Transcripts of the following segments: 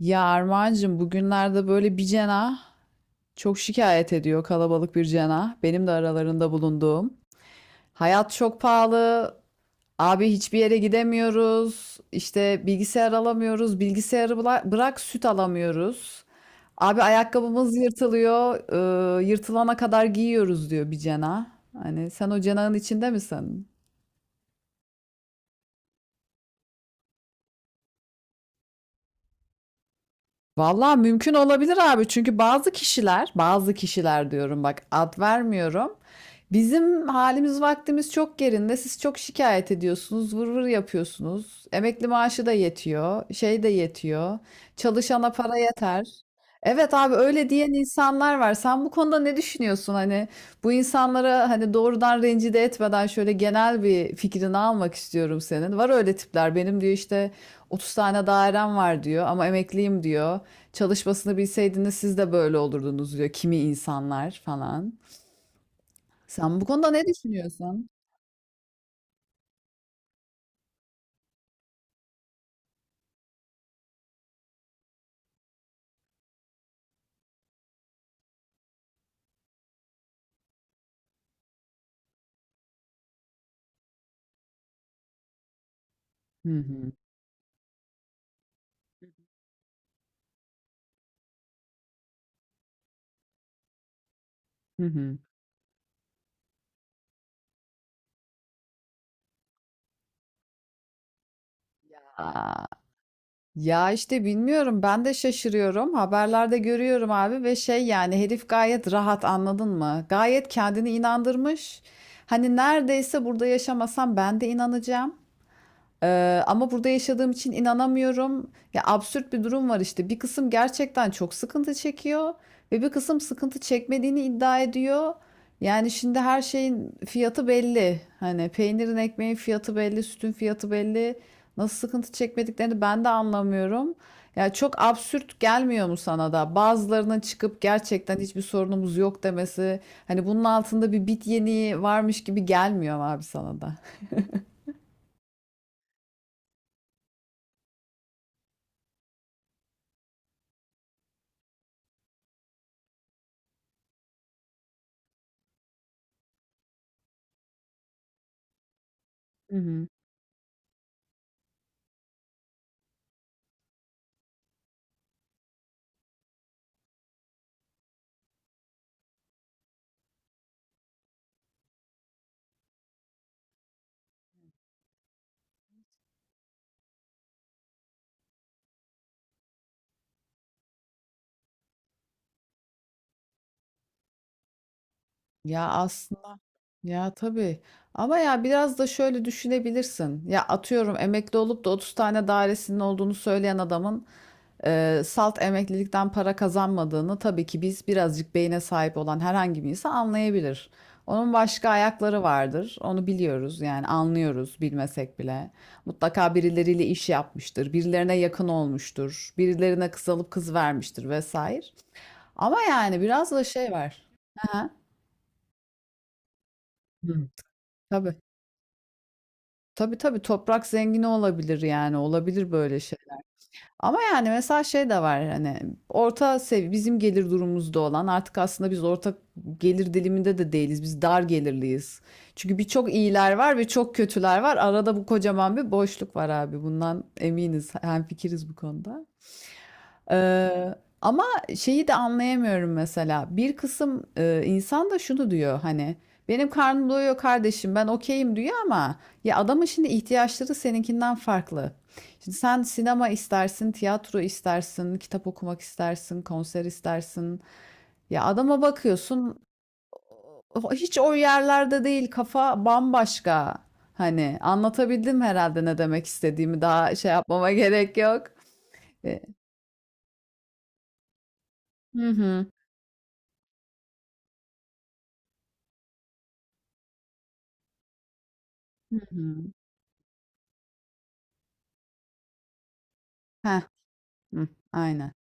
Ya Armağancığım, bugünlerde böyle bir cena çok şikayet ediyor, kalabalık bir cena. Benim de aralarında bulunduğum. Hayat çok pahalı. Abi, hiçbir yere gidemiyoruz. İşte bilgisayar alamıyoruz. Bilgisayarı bırak, süt alamıyoruz. Abi, ayakkabımız yırtılıyor. Yırtılana kadar giyiyoruz diyor bir cena. Hani sen o cenahın içinde misin? Vallahi mümkün olabilir abi, çünkü bazı kişiler, bazı kişiler diyorum, bak, ad vermiyorum. Bizim halimiz vaktimiz çok yerinde. Siz çok şikayet ediyorsunuz, vır vır yapıyorsunuz. Emekli maaşı da yetiyor, şey de yetiyor. Çalışana para yeter. Evet abi, öyle diyen insanlar var. Sen bu konuda ne düşünüyorsun? Hani bu insanlara hani doğrudan rencide etmeden şöyle genel bir fikrini almak istiyorum senin. Var öyle tipler. Benim, diyor, işte 30 tane dairem var diyor ama emekliyim diyor. Çalışmasını bilseydiniz siz de böyle olurdunuz diyor kimi insanlar falan. Sen bu konuda ne düşünüyorsun? Hı hı. Hı hı. Aa, ya işte bilmiyorum, ben de şaşırıyorum. Haberlerde görüyorum abi, ve şey yani herif gayet rahat, anladın mı? Gayet kendini inandırmış. Hani neredeyse burada yaşamasam ben de inanacağım. Ama burada yaşadığım için inanamıyorum. Ya absürt bir durum var işte. Bir kısım gerçekten çok sıkıntı çekiyor ve bir kısım sıkıntı çekmediğini iddia ediyor. Yani şimdi her şeyin fiyatı belli. Hani peynirin, ekmeğin fiyatı belli, sütün fiyatı belli. Nasıl sıkıntı çekmediklerini ben de anlamıyorum. Ya çok absürt gelmiyor mu sana da? Bazılarının çıkıp gerçekten hiçbir sorunumuz yok demesi. Hani bunun altında bir bit yeniği varmış gibi gelmiyor mu abi sana da? Hı hı. Ya aslında. Ya tabii. Ama ya biraz da şöyle düşünebilirsin. Ya atıyorum, emekli olup da 30 tane dairesinin olduğunu söyleyen adamın salt emeklilikten para kazanmadığını tabii ki biz, birazcık beyne sahip olan herhangi bir insan anlayabilir. Onun başka ayakları vardır. Onu biliyoruz yani, anlıyoruz bilmesek bile. Mutlaka birileriyle iş yapmıştır, birilerine yakın olmuştur, birilerine kız alıp kız vermiştir vesaire. Ama yani biraz da şey var. Aha. Hı. Tabii. Tabii, tabii, toprak zengini olabilir yani, olabilir böyle şey. Ama yani mesela şey de var hani orta sev bizim gelir durumumuzda olan artık aslında biz orta gelir diliminde de değiliz. Biz dar gelirliyiz. Çünkü birçok iyiler var ve çok kötüler var. Arada bu kocaman bir boşluk var abi. Bundan eminiz. Hemfikiriz bu konuda. Eee, Ama şeyi de anlayamıyorum mesela. Bir kısım insan da şunu diyor hani, benim karnım doyuyor kardeşim, ben okeyim diyor ama ya adamın şimdi ihtiyaçları seninkinden farklı. Şimdi sen sinema istersin, tiyatro istersin, kitap okumak istersin, konser istersin. Ya adama bakıyorsun hiç o yerlerde değil, kafa bambaşka. Hani anlatabildim herhalde ne demek istediğimi, daha şey yapmama gerek yok. E, Hı hı. Hı hı. Hı, aynen.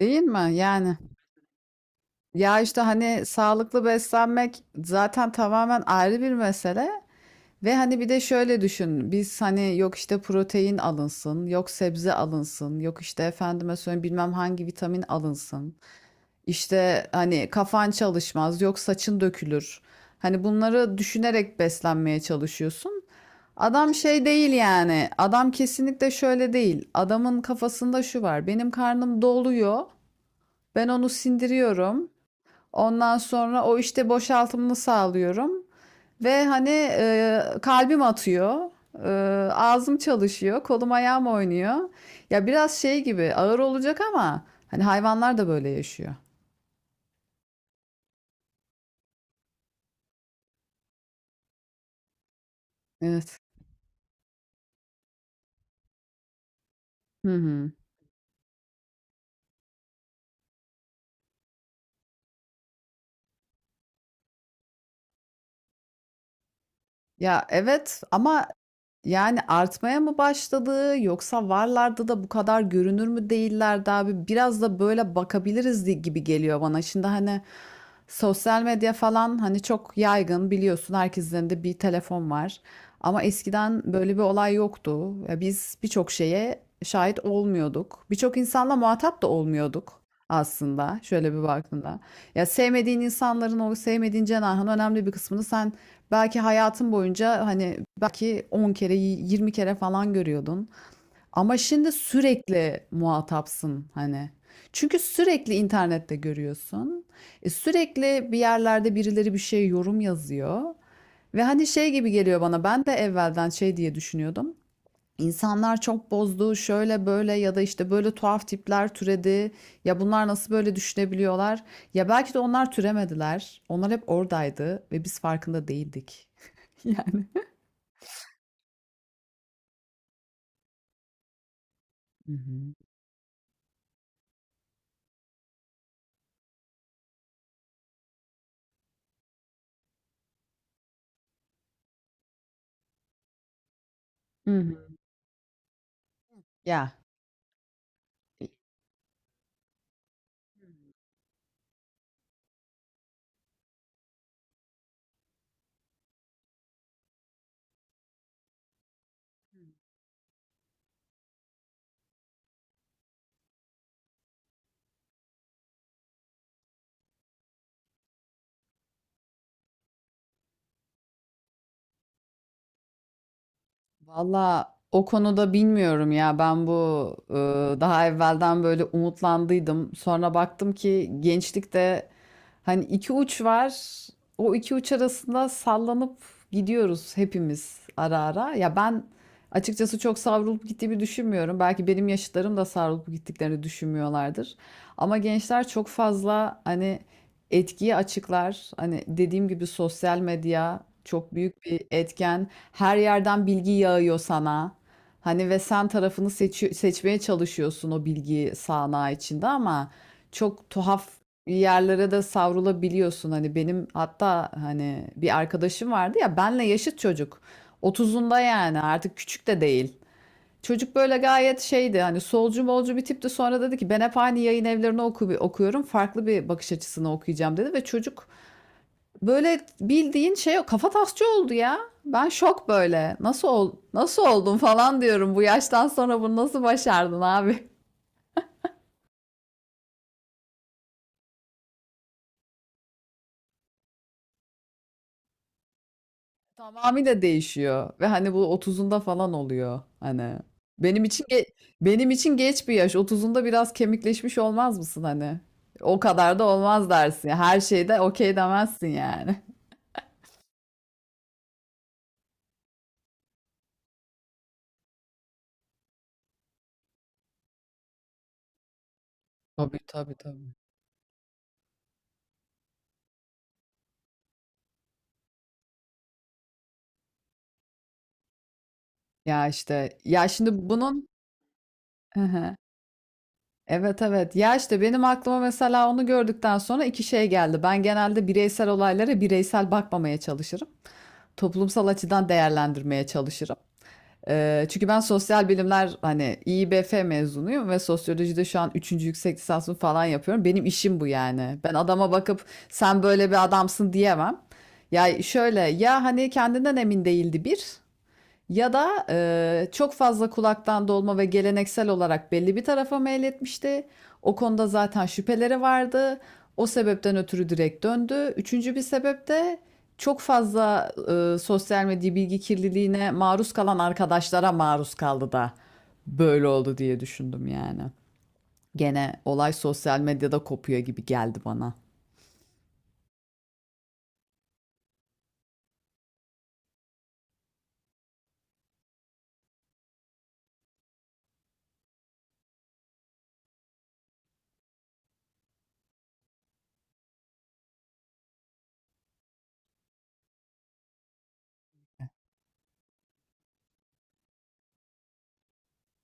Değil mi? Yani, ya işte hani sağlıklı beslenmek zaten tamamen ayrı bir mesele ve hani bir de şöyle düşün. Biz, hani, yok işte protein alınsın, yok sebze alınsın, yok işte efendime söyleyeyim bilmem hangi vitamin alınsın. İşte hani kafan çalışmaz, yok saçın dökülür. Hani bunları düşünerek beslenmeye çalışıyorsun. Adam şey değil yani. Adam kesinlikle şöyle değil. Adamın kafasında şu var: benim karnım doluyor. Ben onu sindiriyorum. Ondan sonra o işte boşaltımını sağlıyorum. Ve hani kalbim atıyor. E, ağzım çalışıyor. Kolum ayağım oynuyor. Ya biraz şey gibi ağır olacak ama hani hayvanlar da böyle yaşıyor. Evet. Hı hı. Ya evet ama. Yani artmaya mı başladı yoksa varlardı da bu kadar görünür mü değillerdi abi? Biraz da böyle bakabiliriz gibi geliyor bana. Şimdi hani sosyal medya falan, hani çok yaygın biliyorsun, herkesin elinde bir telefon var. Ama eskiden böyle bir olay yoktu. Ya biz birçok şeye şahit olmuyorduk. Birçok insanla muhatap da olmuyorduk aslında, şöyle bir baktığında. Ya sevmediğin insanların, o sevmediğin cenahın önemli bir kısmını sen belki hayatın boyunca, hani, belki 10 kere, 20 kere falan görüyordun. Ama şimdi sürekli muhatapsın hani. Çünkü sürekli internette görüyorsun. E, sürekli bir yerlerde birileri bir şey yorum yazıyor. Ve hani şey gibi geliyor bana. Ben de evvelden şey diye düşünüyordum. İnsanlar çok bozdu, şöyle böyle, ya da işte böyle tuhaf tipler türedi. Ya bunlar nasıl böyle düşünebiliyorlar? Ya belki de onlar türemediler. Onlar hep oradaydı ve biz farkında değildik. Yani. Hı hı. Hı hı. Ya, valla o konuda bilmiyorum ya, ben bu daha evvelden böyle umutlandıydım. Sonra baktım ki gençlikte hani iki uç var. O iki uç arasında sallanıp gidiyoruz hepimiz, ara ara. Ya ben açıkçası çok savrulup gittiğimi düşünmüyorum. Belki benim yaşıtlarım da savrulup gittiklerini düşünmüyorlardır. Ama gençler çok fazla, hani, etkiyi açıklar. Hani, dediğim gibi, sosyal medya çok büyük bir etken. Her yerden bilgi yağıyor sana. Hani, ve sen tarafını seçmeye çalışıyorsun o bilgi sağanağı içinde, ama çok tuhaf yerlere de savrulabiliyorsun. Hani benim, hatta hani, bir arkadaşım vardı ya, benle yaşıt çocuk. 30'unda, yani artık küçük de değil. Çocuk böyle gayet şeydi hani, solcu molcu bir tipti, sonra dedi ki ben hep aynı yayın evlerini okuyorum, farklı bir bakış açısını okuyacağım dedi ve çocuk böyle bildiğin şey kafa tasçı oldu ya. Ben şok, böyle, nasıl oldun falan diyorum, bu yaştan sonra bunu nasıl başardın abi? Tamamıyla değişiyor ve hani bu otuzunda falan oluyor hani. Benim için ge- Benim için geç bir yaş, otuzunda biraz kemikleşmiş olmaz mısın hani? O kadar da olmaz dersin. Her şeyde okey demezsin yani. Tabii, tabii, tabii. Ya, işte, ya, şimdi bunun. Hı hı. Evet, evet. Ya, işte, benim aklıma mesela onu gördükten sonra 2 şey geldi. Ben genelde bireysel olaylara bireysel bakmamaya çalışırım. Toplumsal açıdan değerlendirmeye çalışırım. Çünkü ben sosyal bilimler, hani, İİBF mezunuyum ve sosyolojide şu an üçüncü yüksek lisansımı falan yapıyorum. Benim işim bu yani. Ben adama bakıp sen böyle bir adamsın diyemem. Ya, şöyle, ya, hani, kendinden emin değildi bir. Ya da çok fazla kulaktan dolma ve geleneksel olarak belli bir tarafa meyletmişti. O konuda zaten şüpheleri vardı. O sebepten ötürü direkt döndü. Üçüncü bir sebep de çok fazla sosyal medya bilgi kirliliğine maruz kalan arkadaşlara maruz kaldı da böyle oldu diye düşündüm yani. Gene olay sosyal medyada kopuyor gibi geldi bana.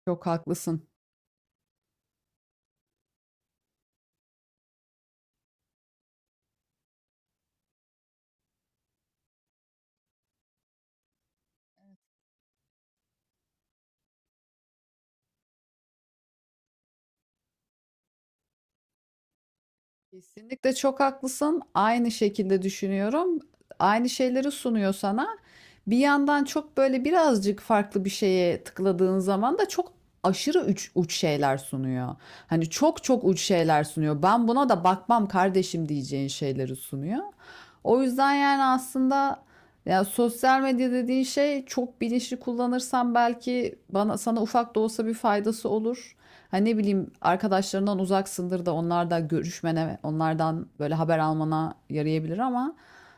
Çok haklısın. Kesinlikle çok haklısın. Aynı şekilde düşünüyorum. Aynı şeyleri sunuyor sana. Bir yandan çok böyle, birazcık farklı bir şeye tıkladığın zaman da çok aşırı uç, uç şeyler sunuyor. Hani çok çok uç şeyler sunuyor. Ben buna da bakmam kardeşim diyeceğin şeyleri sunuyor. O yüzden yani aslında, ya, sosyal medya dediğin şey, çok bilinçli kullanırsan, belki bana sana ufak da olsa bir faydası olur. Hani ne bileyim, arkadaşlarından uzaksındır da onlarla görüşmene, onlardan böyle haber almana yarayabilir ama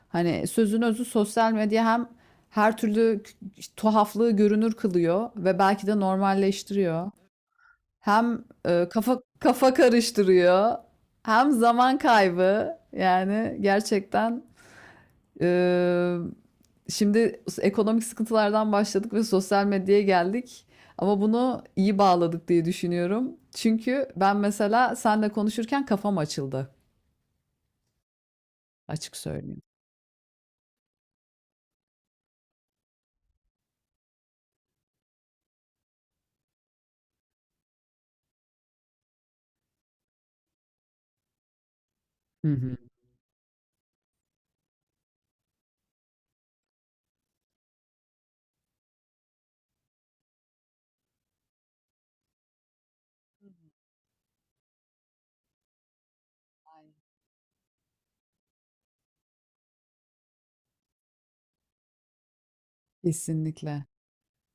hani sözün özü, sosyal medya hem her türlü tuhaflığı görünür kılıyor ve belki de normalleştiriyor. Hem kafa karıştırıyor, hem zaman kaybı. Yani gerçekten. Eee, Şimdi ekonomik sıkıntılardan başladık ve sosyal medyaya geldik. Ama bunu iyi bağladık diye düşünüyorum. Çünkü ben mesela seninle konuşurken kafam açıldı. Açık söyleyeyim. Hı hı. Kesinlikle.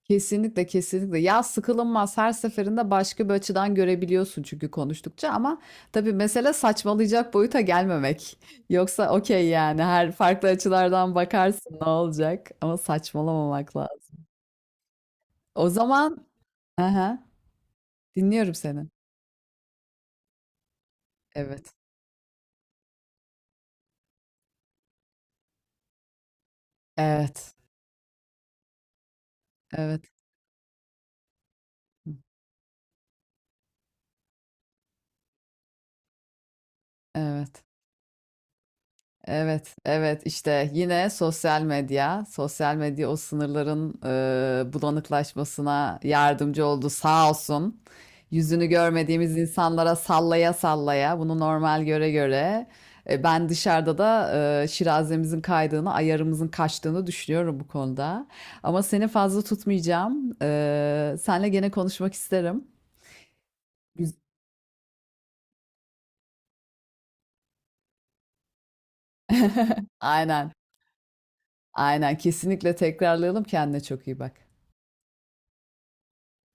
Kesinlikle, kesinlikle. Ya sıkılınmaz. Her seferinde başka bir açıdan görebiliyorsun çünkü konuştukça, ama tabii mesele saçmalayacak boyuta gelmemek. Yoksa okey yani, her farklı açılardan bakarsın, ne olacak, ama saçmalamamak lazım. O zaman. Aha. Dinliyorum seni. Evet. Evet. Evet. Hı. Evet. Evet. Evet. İşte yine sosyal medya. Sosyal medya o sınırların bulanıklaşmasına yardımcı oldu sağ olsun. Yüzünü görmediğimiz insanlara sallaya sallaya bunu normal göre göre, ben dışarıda da şirazemizin kaydığını, ayarımızın kaçtığını düşünüyorum bu konuda. Ama seni fazla tutmayacağım. E, senle gene konuşmak isterim. Güz- Aynen. Aynen kesinlikle tekrarlayalım. Kendine çok iyi bak.